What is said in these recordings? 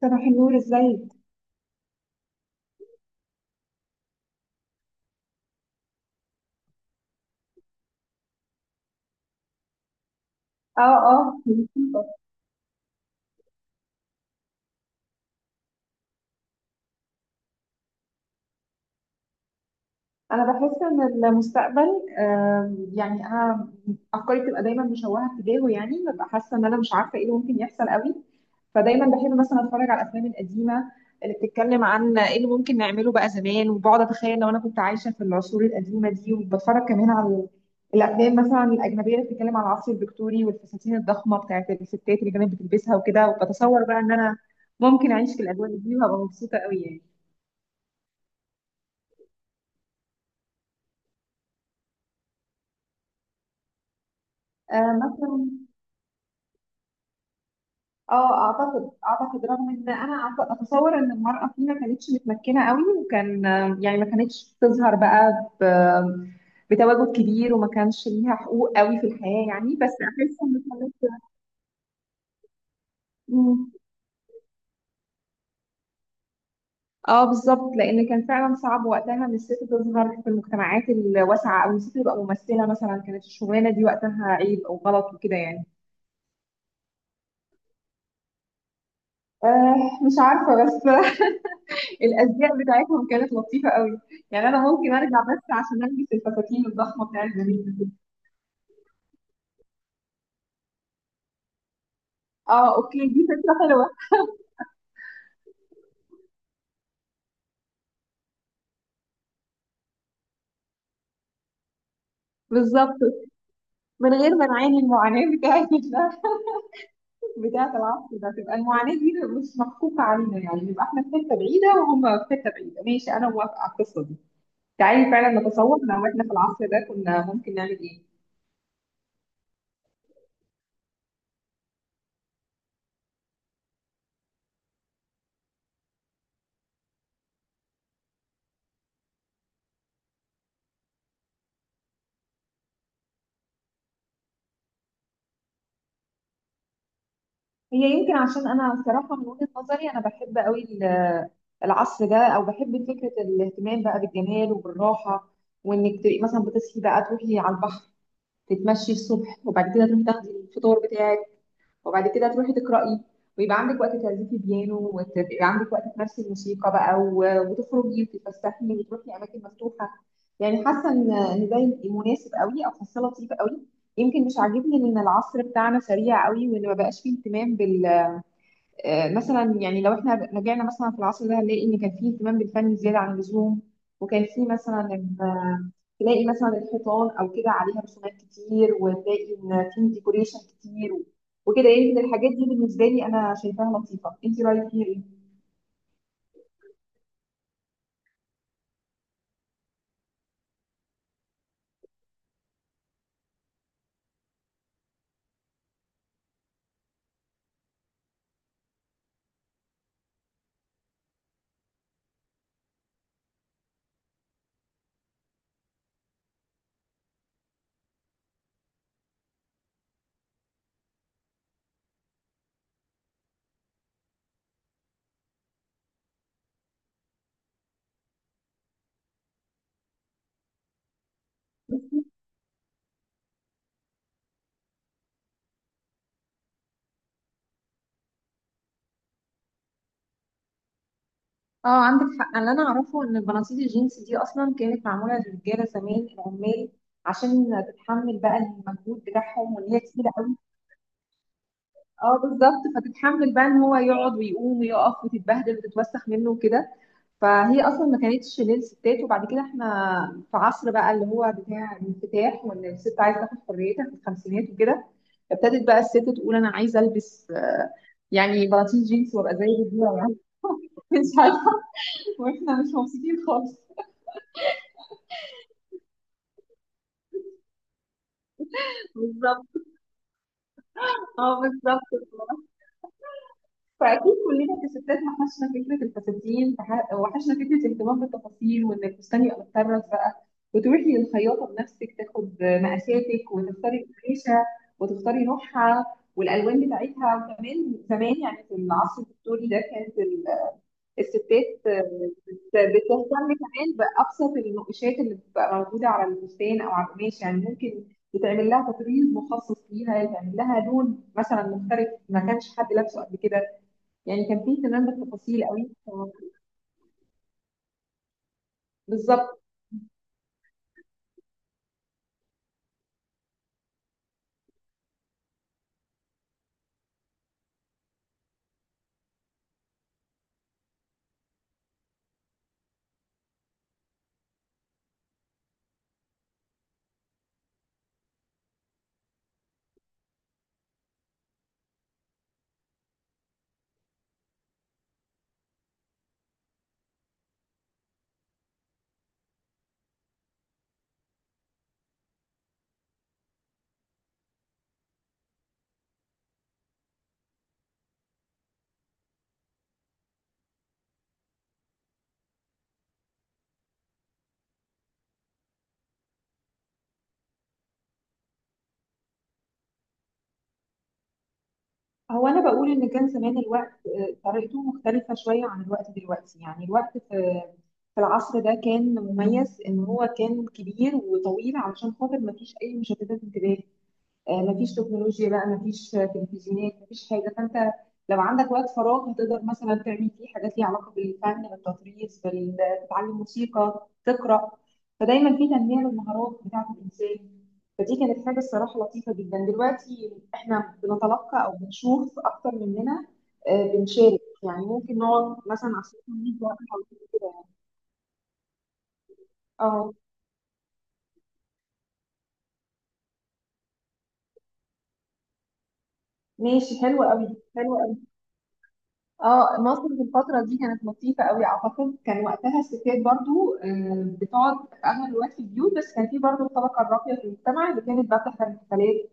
صباح النور، ازيك؟ اه اه، مبسوطة. انا بحس ان المستقبل، يعني انا افكاري بتبقى دايما مشوهه تجاهه، يعني ببقى حاسه ان انا مش عارفه ايه اللي ممكن يحصل قوي. فدايما بحب مثلا اتفرج على الافلام القديمه اللي بتتكلم عن ايه اللي ممكن نعمله بقى زمان، وبقعد اتخيل لو انا كنت عايشه في العصور القديمه دي، وبتفرج كمان على الافلام مثلا الاجنبيه اللي بتتكلم عن العصر الفيكتوري والفساتين الضخمه بتاعت الستات اللي كانت بتلبسها وكده، وبتصور بقى ان انا ممكن اعيش في الاجواء دي وهبقى مبسوطه قوي يعني. مثلا. اه، اعتقد رغم ان انا اتصور ان المرأة فيه ما كانتش متمكنة قوي، وكان يعني ما كانتش بتظهر بقى بتواجد كبير، وما كانش ليها حقوق قوي في الحياة يعني، بس احس ان كانت. مم. اه بالظبط، لان كان فعلا صعب وقتها ان الست تظهر في المجتمعات الواسعة، او إن الست تبقى ممثلة مثلا. كانت الشغلانة دي وقتها عيب او غلط وكده يعني. مش عارفة بس الازياء بتاعتهم كانت لطيفه قوي. يعني انا ممكن ارجع بس عشان البس الفساتين الضخمه بتاعت زمان دي. اه اوكي، دي فكره حلوه. بالظبط. من غير ما نعاني المعاناه بتاعت بتاعت العصر ده، تبقى المعاناه دي مش مكفوفه علينا يعني، نبقى احنا في حته بعيده وهم في حته بعيده. ماشي، انا موافقه على القصه دي. تعالي فعلا نتصور لو احنا في العصر ده كنا ممكن نعمل ايه. هي يمكن عشان انا الصراحه من وجهه نظري، انا بحب قوي العصر ده، او بحب فكره الاهتمام بقى بالجمال وبالراحه، وانك تبقي مثلا بتصحي بقى تروحي على البحر، تتمشي الصبح، وبعد كده تروحي تاخدي الفطار بتاعك، وبعد كده تروحي تقراي، ويبقى عندك وقت تعزفي بيانو، ويبقى عندك وقت تمارسي الموسيقى بقى، وتخرجي وتتفسحي وتروحي اماكن مفتوحه. يعني حاسه ان ده مناسب قوي، او حاسه لطيف قوي. يمكن مش عاجبني ان العصر بتاعنا سريع قوي، وان ما بقاش فيه اهتمام بال آه، مثلا. يعني لو احنا رجعنا مثلا في العصر ده هنلاقي ان كان فيه اهتمام بالفن زياده عن اللزوم، وكان فيه مثلا تلاقي مثلا الحيطان او كده عليها رسومات كتير، وتلاقي ان فيه ديكوريشن كتير وكده. يمكن الحاجات دي بالنسبه لي انا شايفاها لطيفه، انت رايك فيها ايه؟ بصي، اه عندك حق. اللي انا اعرفه ان البناطيل الجينز دي اصلا كانت معموله للرجاله زمان العمال، عشان تتحمل بقى المجهود بتاعهم، وان هي تقيله. اه بالظبط، فتتحمل بقى ان هو يقعد ويقوم ويقف وتتبهدل وتتوسخ منه وكده. فهي اصلا ما كانتش للستات، وبعد كده احنا في عصر بقى اللي هو بتاع الانفتاح، وان الست عايزه تاخد حريتها في الخمسينات وكده. فابتدت بقى الست تقول انا عايزه البس، يعني بناطيل جينز وابقى زي الرجاله يعني. مش عارفه. واحنا مش مبسوطين خالص. بالظبط. اه بالظبط. فاكيد كلنا كستات وحشنا فكره الفساتين، وحشنا فكره الاهتمام بالتفاصيل وان الفستان يبقى متطرز بقى، وتروحي للخياطه بنفسك تاخد مقاساتك، وتختاري الريشه، وتختاري نوعها، والالوان بتاعتها. وكمان زمان يعني في العصر الفيكتوري ده كانت الستات بتهتم كمان بابسط النقوشات اللي بتبقى موجوده على الفستان او على القماش. يعني ممكن يتعمل لها تطريز مخصص ليها، يتعمل لها لون مثلا مختلف ما كانش حد لابسه قبل كده. يعني كان في اهتمام بالتفاصيل قوي. بالظبط. هو انا بقول ان كان زمان الوقت طريقته مختلفه شويه عن الوقت دلوقتي. يعني الوقت في العصر ده كان مميز ان هو كان كبير وطويل، علشان خاطر ما فيش اي مشتتات انتباه. مفيش تكنولوجيا بقى، مفيش تلفزيونات، مفيش حاجة. فأنت لو عندك وقت فراغ هتقدر مثلا تعمل فيه حاجات ليها علاقة بالفن، بالتطريز، تتعلم موسيقى، تقرأ. فدايما في تنمية للمهارات بتاعة الإنسان. فدي كانت حاجة الصراحة لطيفة جدا. دلوقتي إحنا بنتلقى أو بنشوف أكتر مننا، بنشارك يعني، ممكن نقعد مثلا على السوشيال ميديا أو كده يعني. اه ماشي، حلو قوي. حلو قوي. اه مصر في الفترة دي كانت لطيفة قوي اعتقد. كان وقتها الستات برضو بتقعد في اغلب الوقت في البيوت، بس كان في برضو الطبقة الراقية في المجتمع اللي كانت بقى بتحضر الحفلات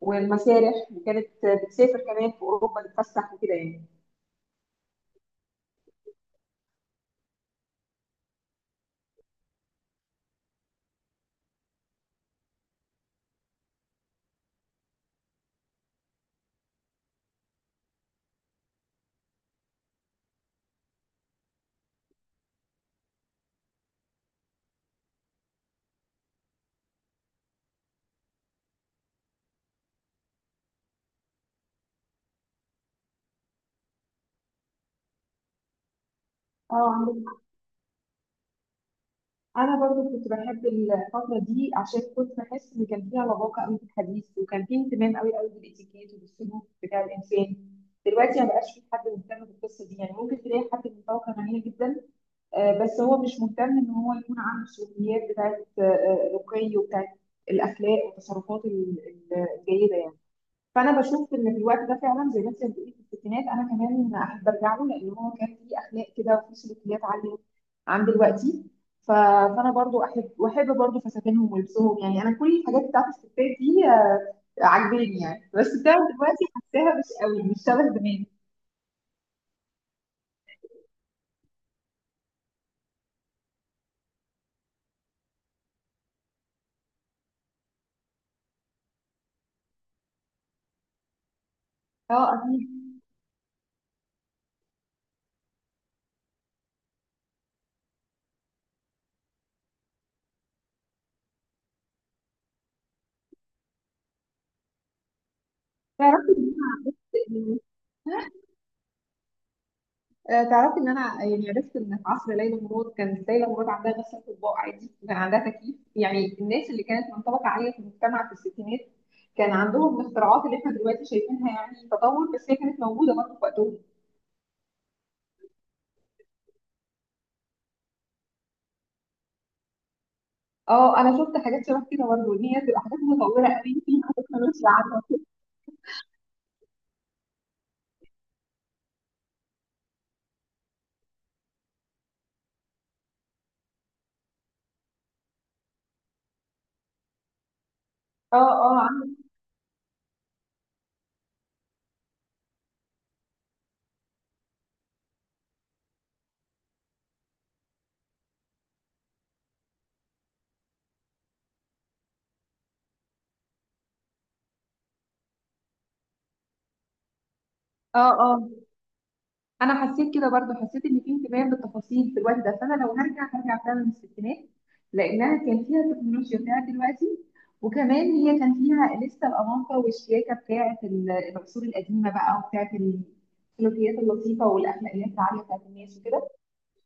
والمسارح، وكانت بتسافر كمان في اوروبا تتفسح وكده يعني. اه انا برضو كنت بحب الفتره دي، عشان كنت بحس ان كان فيها لباقه قوي في الحديث، وكان فيه اهتمام قوي قوي بالاتيكيت وبالسلوك بتاع الانسان. دلوقتي ما بقاش في حد مهتم بالقصه دي يعني. ممكن تلاقي حد من طبقه غنيه جدا، بس هو مش مهتم ان هو يكون عنده السلوكيات بتاعت الرقي، وبتاعت الاخلاق والتصرفات ال- الجيده يعني. فانا بشوف ان في الوقت ده فعلا زي ما انت بتقولي في الستينات، انا كمان احب ارجع له، لان هو كان فيه اخلاق كده وفيه سلوكيات عاليه عن دلوقتي. فانا برضو احب، واحب برضو فساتينهم ولبسهم. يعني انا كل الحاجات بتاعت الستات دي عاجباني يعني، بس بتاعت دلوقتي حاساها مش قوي، مش شبه زمان. اه اكيد. تعرفي ان انا عرفت تعرفي ان انا يعني عرفت ان في عصر ليلى مراد كانت ليلى مراد عندها غسالة اطباق عادي، وكان عندها تكييف. يعني الناس اللي كانت من طبقة عالية في المجتمع في الستينات كان عندهم الاختراعات اللي احنا دلوقتي شايفينها يعني تطور، بس هي كانت موجودة برضه في وقتهم. اه انا شفت حاجات شبه كده برضه، ان هي بتبقى حاجات متطورة قوي فيها تكنولوجيا عالية. اه اه، عندك. اه اه، انا حسيت كده برضو، حسيت ان في انتباه للتفاصيل في الوقت ده. فانا لو هرجع هرجع فعلا للستينات، لانها كان فيها التكنولوجيا بتاعت دلوقتي، وكمان هي كان فيها لسه الاناقه والشياكه بتاعت العصور القديمه بقى، وبتاعت السلوكيات اللطيفه والاخلاقيات العاليه بتاعت الناس وكده.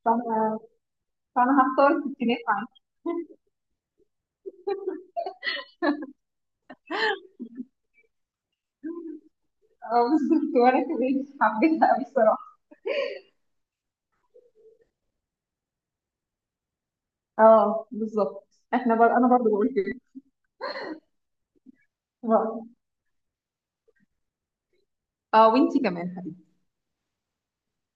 فانا فانا هختار الستينات معاك. اه بالظبط، وانا كمان حبيتها قوي الصراحه. اه بالظبط. انا برضو بقول كده. اه وانتي كمان حبيبتي.